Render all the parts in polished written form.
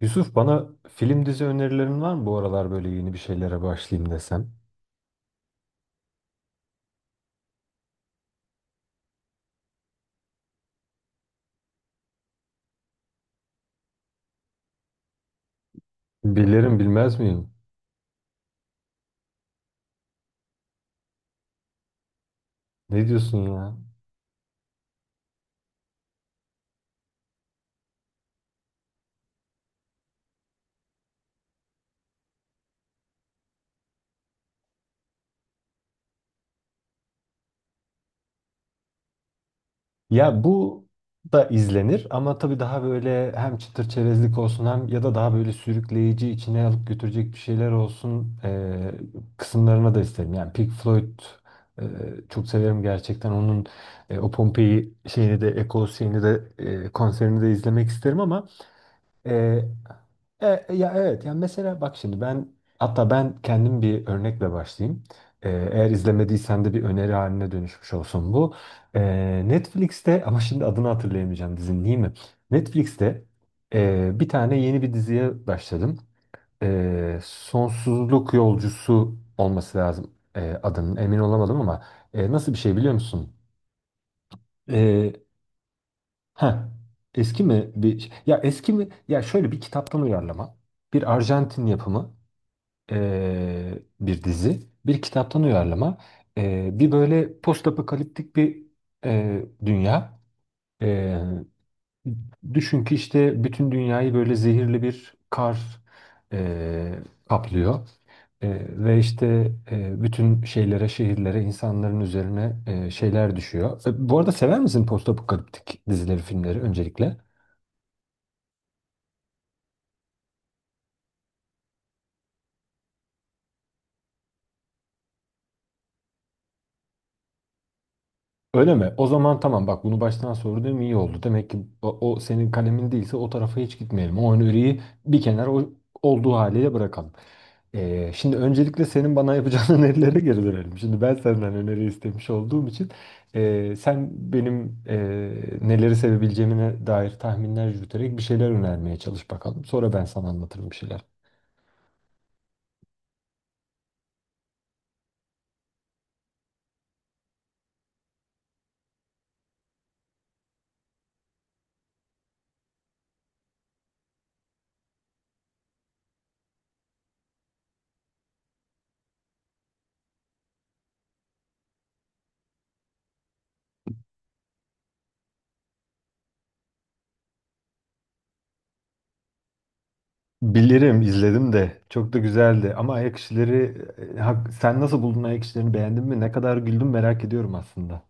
Yusuf bana film dizi önerilerin var mı bu aralar böyle yeni bir şeylere başlayayım desem? Bilirim bilmez miyim? Ne diyorsun ya? Ya bu da izlenir ama tabii daha böyle hem çıtır çerezlik olsun hem ya da daha böyle sürükleyici içine alıp götürecek bir şeyler olsun kısımlarına da isterim. Yani Pink Floyd eee, çok severim gerçekten. Onun o Pompei şeyini de Echoes şeyini de konserini de izlemek isterim ama Ee, ya evet yani mesela bak şimdi ben hatta ben kendim bir örnekle başlayayım. Eğer izlemediysen de bir öneri haline dönüşmüş olsun bu. Netflix'te ama şimdi adını hatırlayamayacağım dizinin değil mi? Netflix'te bir tane yeni bir diziye başladım. Sonsuzluk Yolcusu olması lazım adının emin olamadım ama nasıl bir şey biliyor musun? Ha, eski mi bir ya eski mi ya şöyle bir kitaptan uyarlama. Bir Arjantin yapımı bir dizi, bir kitaptan uyarlama. Bir böyle postapokaliptik bir dünya. Eee, Düşün ki işte bütün dünyayı böyle zehirli bir kar eee, kaplıyor. Ve işte bütün şeylere, şehirlere, insanların üzerine şeyler düşüyor. Bu arada sever misin postapokaliptik dizileri, filmleri öncelikle? Öyle mi? O zaman tamam bak bunu baştan sorduğum iyi oldu. Demek ki o senin kalemin değilse o tarafa hiç gitmeyelim. O öneriyi bir kenara olduğu haliyle bırakalım. Şimdi öncelikle senin bana yapacağın önerilere geri dönelim. Şimdi ben senden öneri istemiş olduğum için sen benim neleri sevebileceğime dair tahminler yürüterek bir şeyler önermeye çalış bakalım. Sonra ben sana anlatırım bir şeyler. Bilirim, izledim de. Çok da güzeldi. Ama ayak işleri, sen nasıl buldun ayak işlerini? Beğendin mi? Ne kadar güldüm merak ediyorum aslında.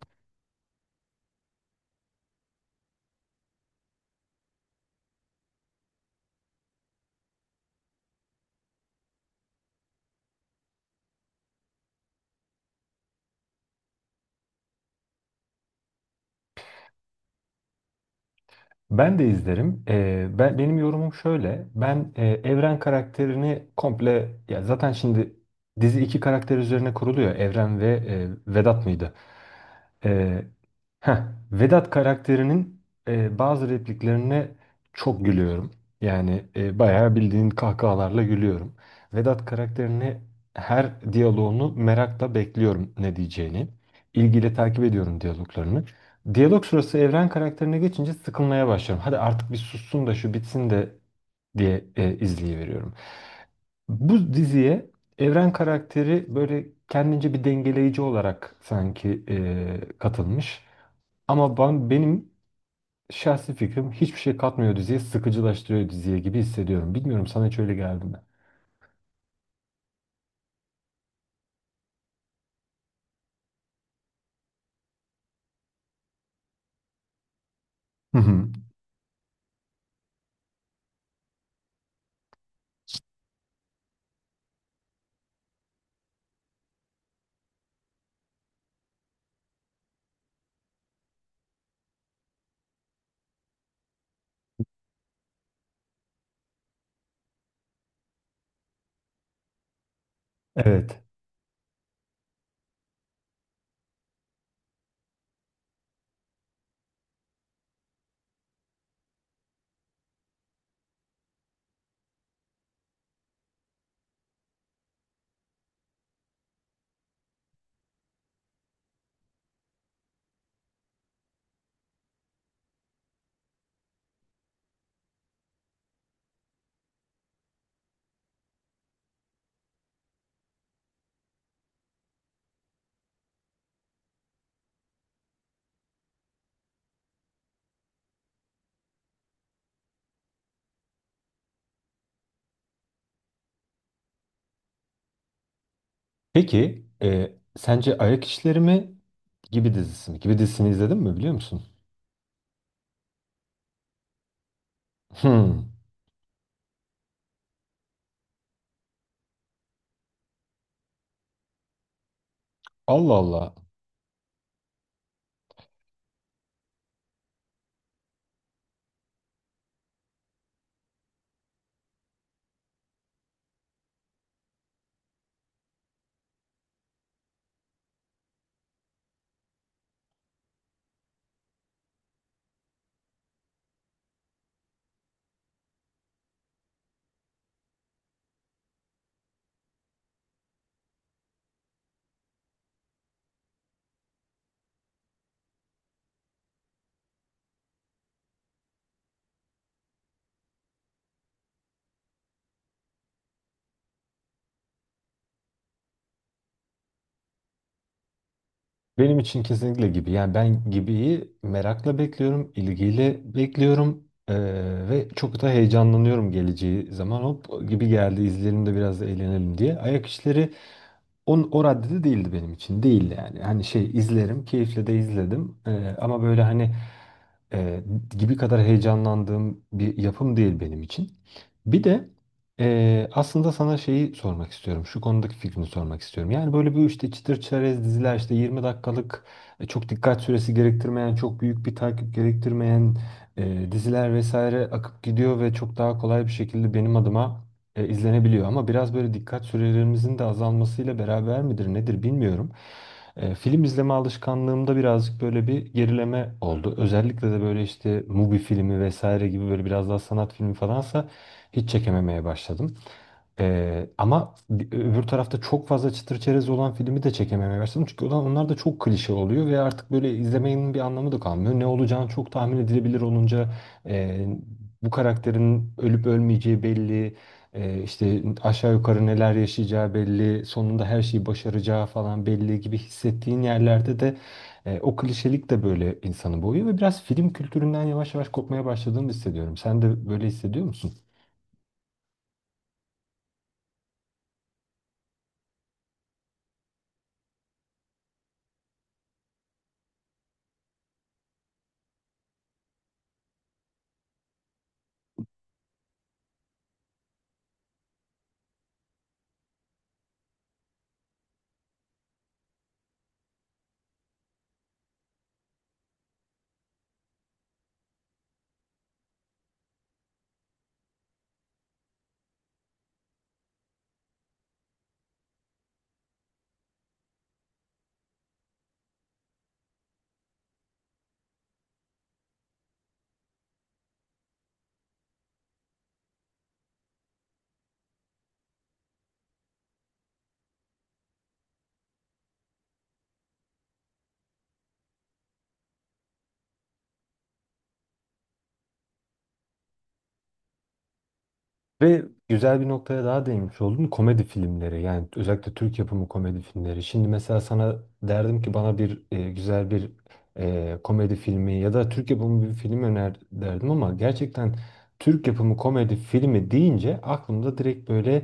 Ben de izlerim. Ben benim yorumum şöyle. Ben Evren karakterini komple ya zaten şimdi dizi iki karakter üzerine kuruluyor. Evren ve Vedat mıydı? Ee, heh, Vedat karakterinin bazı repliklerine çok gülüyorum. Yani bayağı bildiğin kahkahalarla gülüyorum. Vedat karakterini her diyaloğunu merakla bekliyorum ne diyeceğini. İlgiyle takip ediyorum diyaloglarını. Diyalog sırası Evren karakterine geçince sıkılmaya başlıyorum. Hadi artık bir sussun da şu bitsin de diye izleyiveriyorum. Bu diziye Evren karakteri böyle kendince bir dengeleyici olarak sanki katılmış. Ama benim şahsi fikrim hiçbir şey katmıyor diziye, sıkıcılaştırıyor diziye gibi hissediyorum. Bilmiyorum sana hiç öyle geldi mi? Hı hı. Evet. Peki sence Ayak İşleri mi gibi dizisi mi? Gibi dizisini izledin mi biliyor musun? Hmm. Allah Allah. Benim için kesinlikle gibi. Yani ben Gibi'yi merakla bekliyorum, ilgiyle bekliyorum ve çok da heyecanlanıyorum geleceği zaman. Hop Gibi geldi, izleyelim de biraz da eğlenelim diye. O raddede değildi benim için. Değil yani. Hani şey izlerim. Keyifle de izledim. Ama böyle hani e, gibi kadar heyecanlandığım bir yapım değil benim için. Bir de aslında sana şeyi sormak istiyorum. Şu konudaki fikrini sormak istiyorum. Yani böyle bu işte çıtır çerez diziler işte 20 dakikalık çok dikkat süresi gerektirmeyen, çok büyük bir takip gerektirmeyen diziler vesaire akıp gidiyor ve çok daha kolay bir şekilde benim adıma izlenebiliyor ama biraz böyle dikkat sürelerimizin de azalmasıyla beraber midir nedir bilmiyorum. Film izleme alışkanlığımda birazcık böyle bir gerileme oldu. Özellikle de böyle işte Mubi filmi vesaire gibi böyle biraz daha sanat filmi falansa hiç çekememeye başladım. Ama öbür tarafta çok fazla çıtır çerez olan filmi de çekememeye başladım. Çünkü onlar da çok klişe oluyor ve artık böyle izlemenin bir anlamı da kalmıyor. Ne olacağını çok tahmin edilebilir olunca e, bu karakterin ölüp ölmeyeceği belli. İşte aşağı yukarı neler yaşayacağı belli, sonunda her şeyi başaracağı falan belli gibi hissettiğin yerlerde de o klişelik de böyle insanı boğuyor ve biraz film kültüründen yavaş yavaş kopmaya başladığımı hissediyorum. Sen de böyle hissediyor musun? Ve güzel bir noktaya daha değinmiş oldun. Komedi filmleri yani özellikle Türk yapımı komedi filmleri. Şimdi mesela sana derdim ki bana bir güzel bir komedi filmi ya da Türk yapımı bir film öner derdim ama gerçekten Türk yapımı komedi filmi deyince aklımda direkt böyle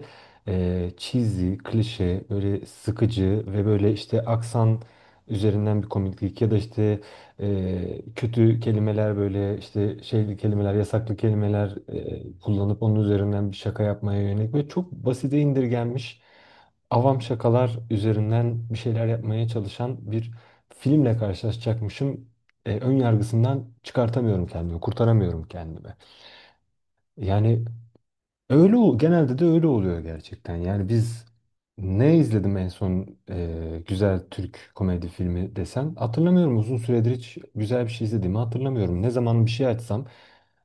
cheesy, klişe, böyle sıkıcı ve böyle işte aksan üzerinden bir komiklik ya da işte kötü kelimeler böyle işte şeyli kelimeler, yasaklı kelimeler kullanıp onun üzerinden bir şaka yapmaya yönelik ve çok basite indirgenmiş avam şakalar üzerinden bir şeyler yapmaya çalışan bir filmle karşılaşacakmışım. Ön yargısından çıkartamıyorum kendimi, kurtaramıyorum kendimi. Yani genelde de öyle oluyor gerçekten. Yani biz ne izledim en son güzel Türk komedi filmi desem hatırlamıyorum. Uzun süredir hiç güzel bir şey izlediğimi hatırlamıyorum. Ne zaman bir şey açsam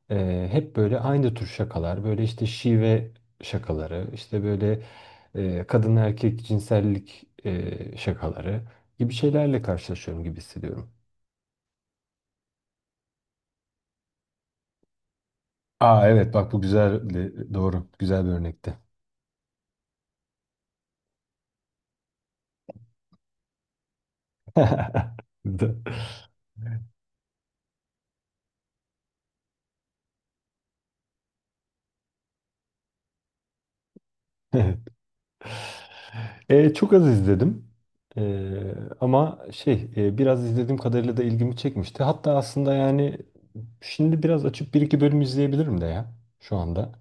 hep böyle aynı tür şakalar, böyle işte şive şakaları, işte böyle kadın erkek cinsellik şakaları gibi şeylerle karşılaşıyorum gibi hissediyorum. Aa evet bak bu güzel doğru güzel bir örnekti. Da- Çok az izledim. E, Ama şey biraz izlediğim kadarıyla da ilgimi çekmişti. Hatta aslında yani şimdi biraz açıp bir iki bölüm izleyebilirim de ya şu anda.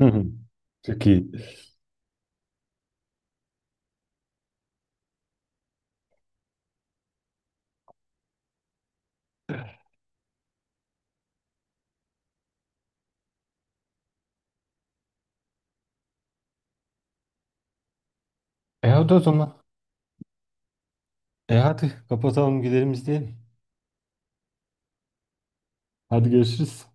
Hı hı. Çok iyi. E hadi o zaman. E hadi kapatalım gidelim izleyelim. Hadi görüşürüz.